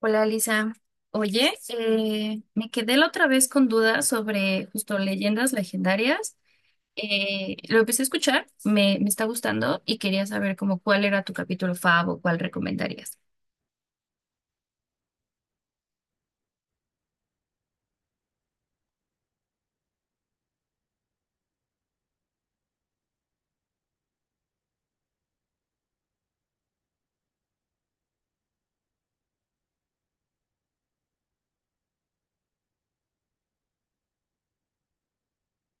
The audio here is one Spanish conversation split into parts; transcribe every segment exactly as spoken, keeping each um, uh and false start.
Hola, Lisa. Oye, eh, me quedé la otra vez con dudas sobre justo Leyendas Legendarias. Eh, lo empecé a escuchar, me, me está gustando y quería saber como cuál era tu capítulo fav o cuál recomendarías.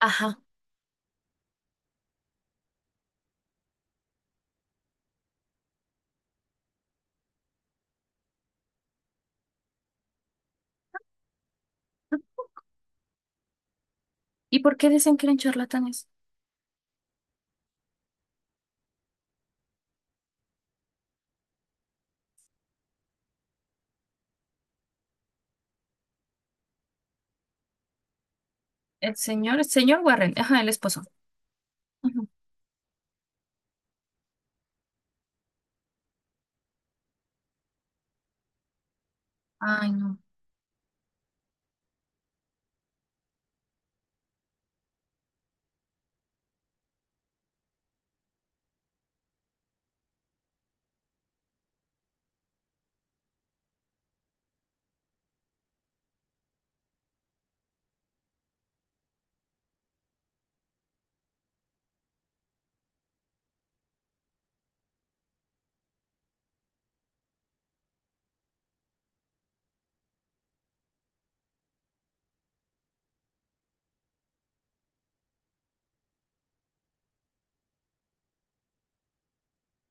Ajá. ¿Y por qué dicen que eran charlatanes? El señor, el señor Warren, ajá, el esposo. Ujú. Ay,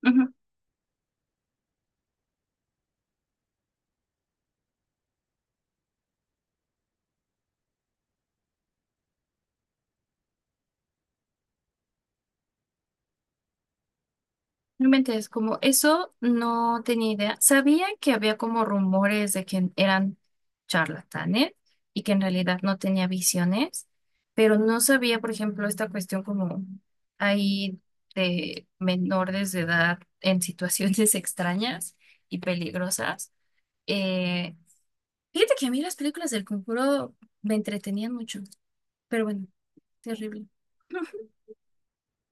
no. No inventes, como eso no tenía idea. Sabía que había como rumores de que eran charlatanes y que en realidad no tenía visiones, pero no sabía, por ejemplo, esta cuestión como ahí de menores de edad en situaciones extrañas y peligrosas. Eh, Fíjate que a mí las películas del Conjuro me entretenían mucho, pero bueno, terrible.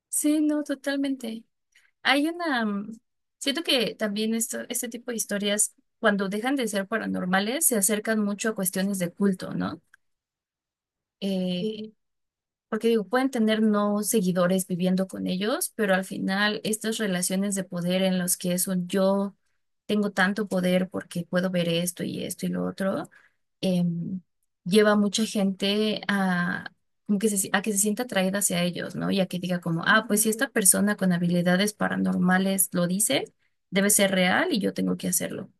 Sí, no, totalmente. Hay una, mm, Siento que también esto, este tipo de historias, cuando dejan de ser paranormales, se acercan mucho a cuestiones de culto, ¿no? Eh, Porque digo, pueden tener no seguidores viviendo con ellos, pero al final estas relaciones de poder en los que es un yo tengo tanto poder porque puedo ver esto y esto y lo otro, em, lleva a mucha gente a, como que se- a que se sienta atraída hacia ellos, ¿no? Y a que diga como, ah, pues si esta persona con habilidades paranormales lo dice, debe ser real y yo tengo que hacerlo.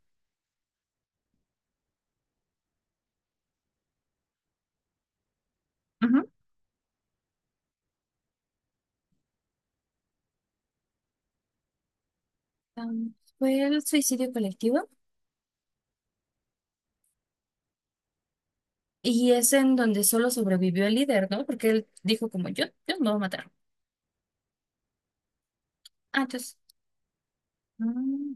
Ujú. Am, ¿Fue el suicidio colectivo? Y es en donde solo sobrevivió el líder, ¿no? Porque él dijo como yo, yo no me voy a matar. Ah, entonces. mm,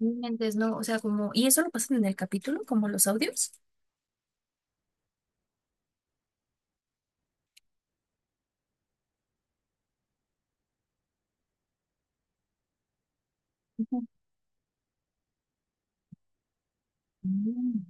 Entonces, no, o sea, como, y eso lo pasan en el capítulo, como los audios. Ujú.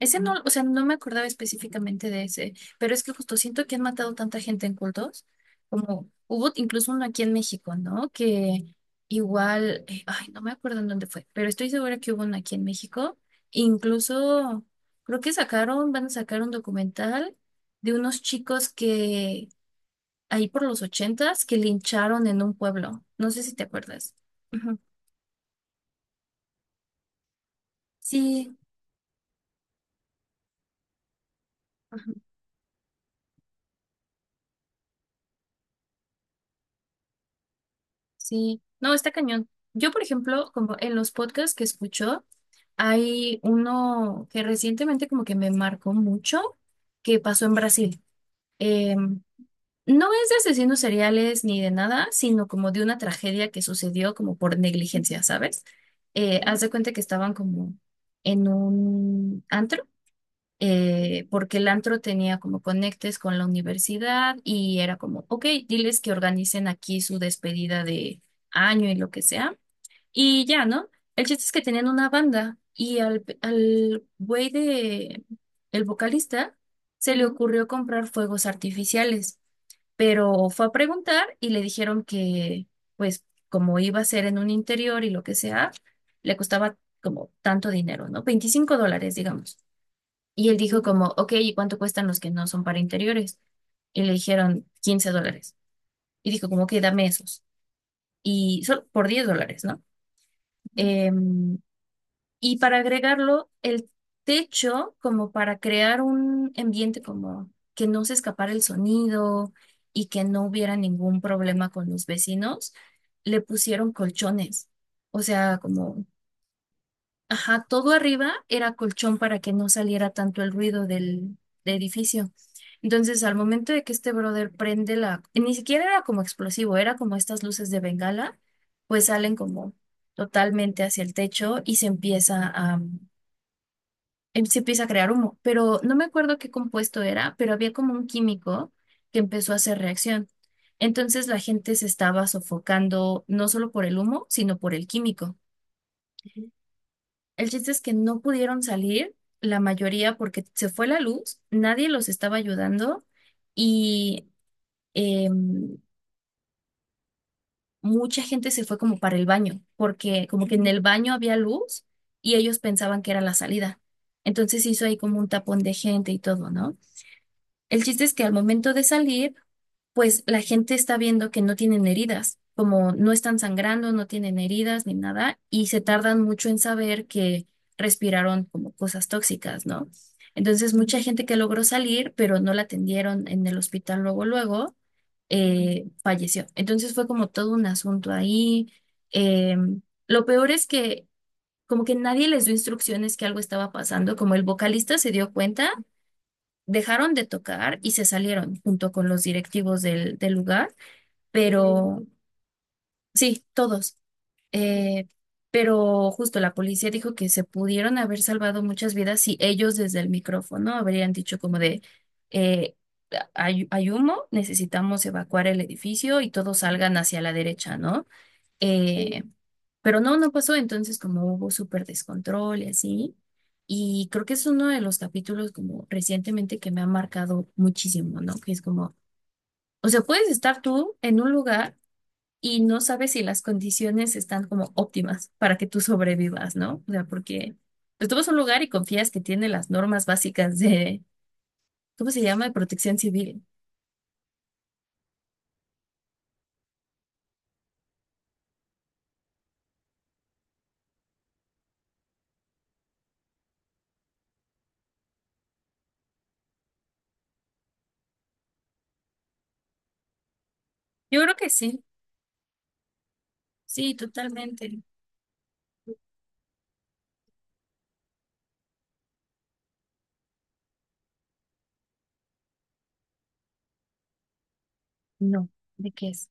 Ese no, o sea, no me acordaba específicamente de ese, pero es que justo siento que han matado tanta gente en cultos, como hubo incluso uno aquí en México, ¿no? Que igual, eh, ay, no me acuerdo en dónde fue, pero estoy segura que hubo uno aquí en México. Incluso creo que sacaron, van a sacar un documental de unos chicos que ahí por los ochentas que lincharon en un pueblo. No sé si te acuerdas. Ujú. Sí. Sí, no, está cañón. Yo, por ejemplo, como en los podcasts que escucho, hay uno que recientemente como que me marcó mucho, que pasó en Brasil. Eh, no es de asesinos seriales ni de nada, sino como de una tragedia que sucedió como por negligencia, ¿sabes? Eh, haz de cuenta que estaban como en un antro eh, porque el antro tenía como conectes con la universidad y era como, ok, diles que organicen aquí su despedida de año y lo que sea. Y ya, ¿no? El chiste es que tenían una banda y al, al güey de, el vocalista, se le ocurrió comprar fuegos artificiales, pero fue a preguntar y le dijeron que, pues, como iba a ser en un interior y lo que sea, le costaba como tanto dinero, ¿no? Veinticinco dólares, digamos. Y él dijo como, ok, ¿y cuánto cuestan los que no son para interiores? Y le dijeron quince dólares. Y dijo como, ok, dame esos. Y solo por diez dólares, ¿no? Em, y para agregarlo, el techo, como para crear un ambiente como que no se escapara el sonido y que no hubiera ningún problema con los vecinos, le pusieron colchones. O sea, como ajá, todo arriba era colchón para que no saliera tanto el ruido del, del edificio. Entonces, al momento de que este brother prende la, ni siquiera era como explosivo, era como estas luces de bengala, pues salen como totalmente hacia el techo y se empieza a, em- se empieza a crear humo. Pero no me acuerdo qué compuesto era, pero había como un químico que empezó a hacer reacción. Entonces la gente se estaba sofocando no solo por el humo, sino por el químico. El chiste es que no pudieron salir, la mayoría, porque se fue la luz, nadie los estaba ayudando y em, mucha gente se fue como para el baño, porque como que en el baño había luz y ellos pensaban que era la salida. Entonces hizo ahí como un tapón de gente y todo, ¿no? El chiste es que al momento de salir, pues la gente está viendo que no tienen heridas, como no están sangrando, no tienen heridas ni nada, y se tardan mucho en saber que respiraron como cosas tóxicas, ¿no? Entonces, mucha gente que logró salir, pero no la atendieron en el hospital luego, luego, eh, falleció. Entonces fue como todo un asunto ahí. Eh, lo peor es que como que nadie les dio instrucciones que algo estaba pasando, como el vocalista se dio cuenta, dejaron de tocar y se salieron junto con los directivos del, del lugar, pero sí, todos. Eh, pero justo la policía dijo que se pudieron haber salvado muchas vidas si ellos desde el micrófono habrían dicho como de, eh, hay, hay humo, necesitamos evacuar el edificio y todos salgan hacia la derecha, ¿no? Eh, pero no, no pasó, entonces como hubo súper descontrol y así. Y creo que es uno de los capítulos como recientemente que me ha marcado muchísimo, ¿no? Que es como, o sea, puedes estar tú en un lugar y no sabes si las condiciones están como óptimas para que tú sobrevivas, ¿no? O sea, porque pues, tú vas a un lugar y confías que tiene las normas básicas de, ¿cómo se llama? De protección civil. Yo creo que sí, sí, totalmente. No, ¿de qué es?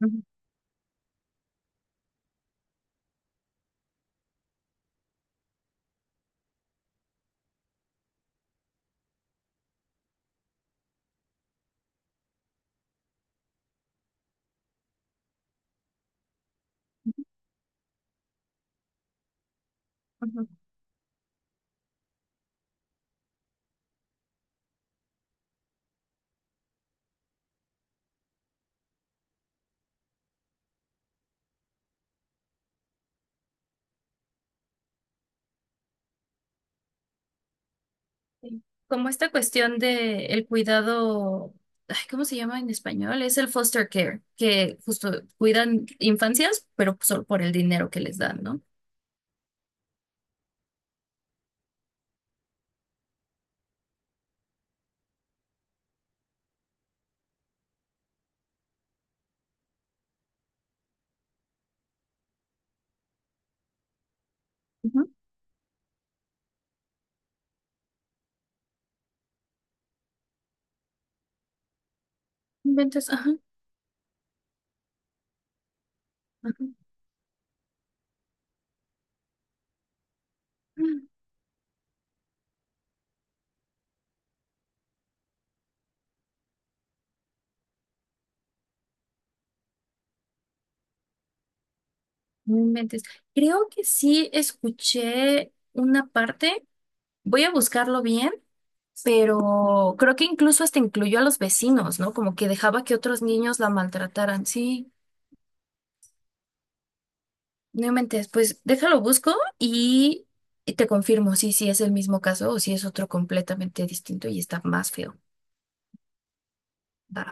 Ujú, ujú. Sí. Como esta cuestión de el cuidado, ay, ¿cómo se llama en español? Es el foster care, que justo cuidan infancias, pero solo por el dinero que les dan, ¿no? Ujú. Inventes, ajá, ajá. No inventes. Creo que sí escuché una parte, voy a buscarlo bien, pero creo que incluso hasta incluyó a los vecinos, ¿no? Como que dejaba que otros niños la maltrataran. Sí. No inventes, pues déjalo busco y, y te confirmo si, si es el mismo caso o si es otro completamente distinto y está más feo. Va.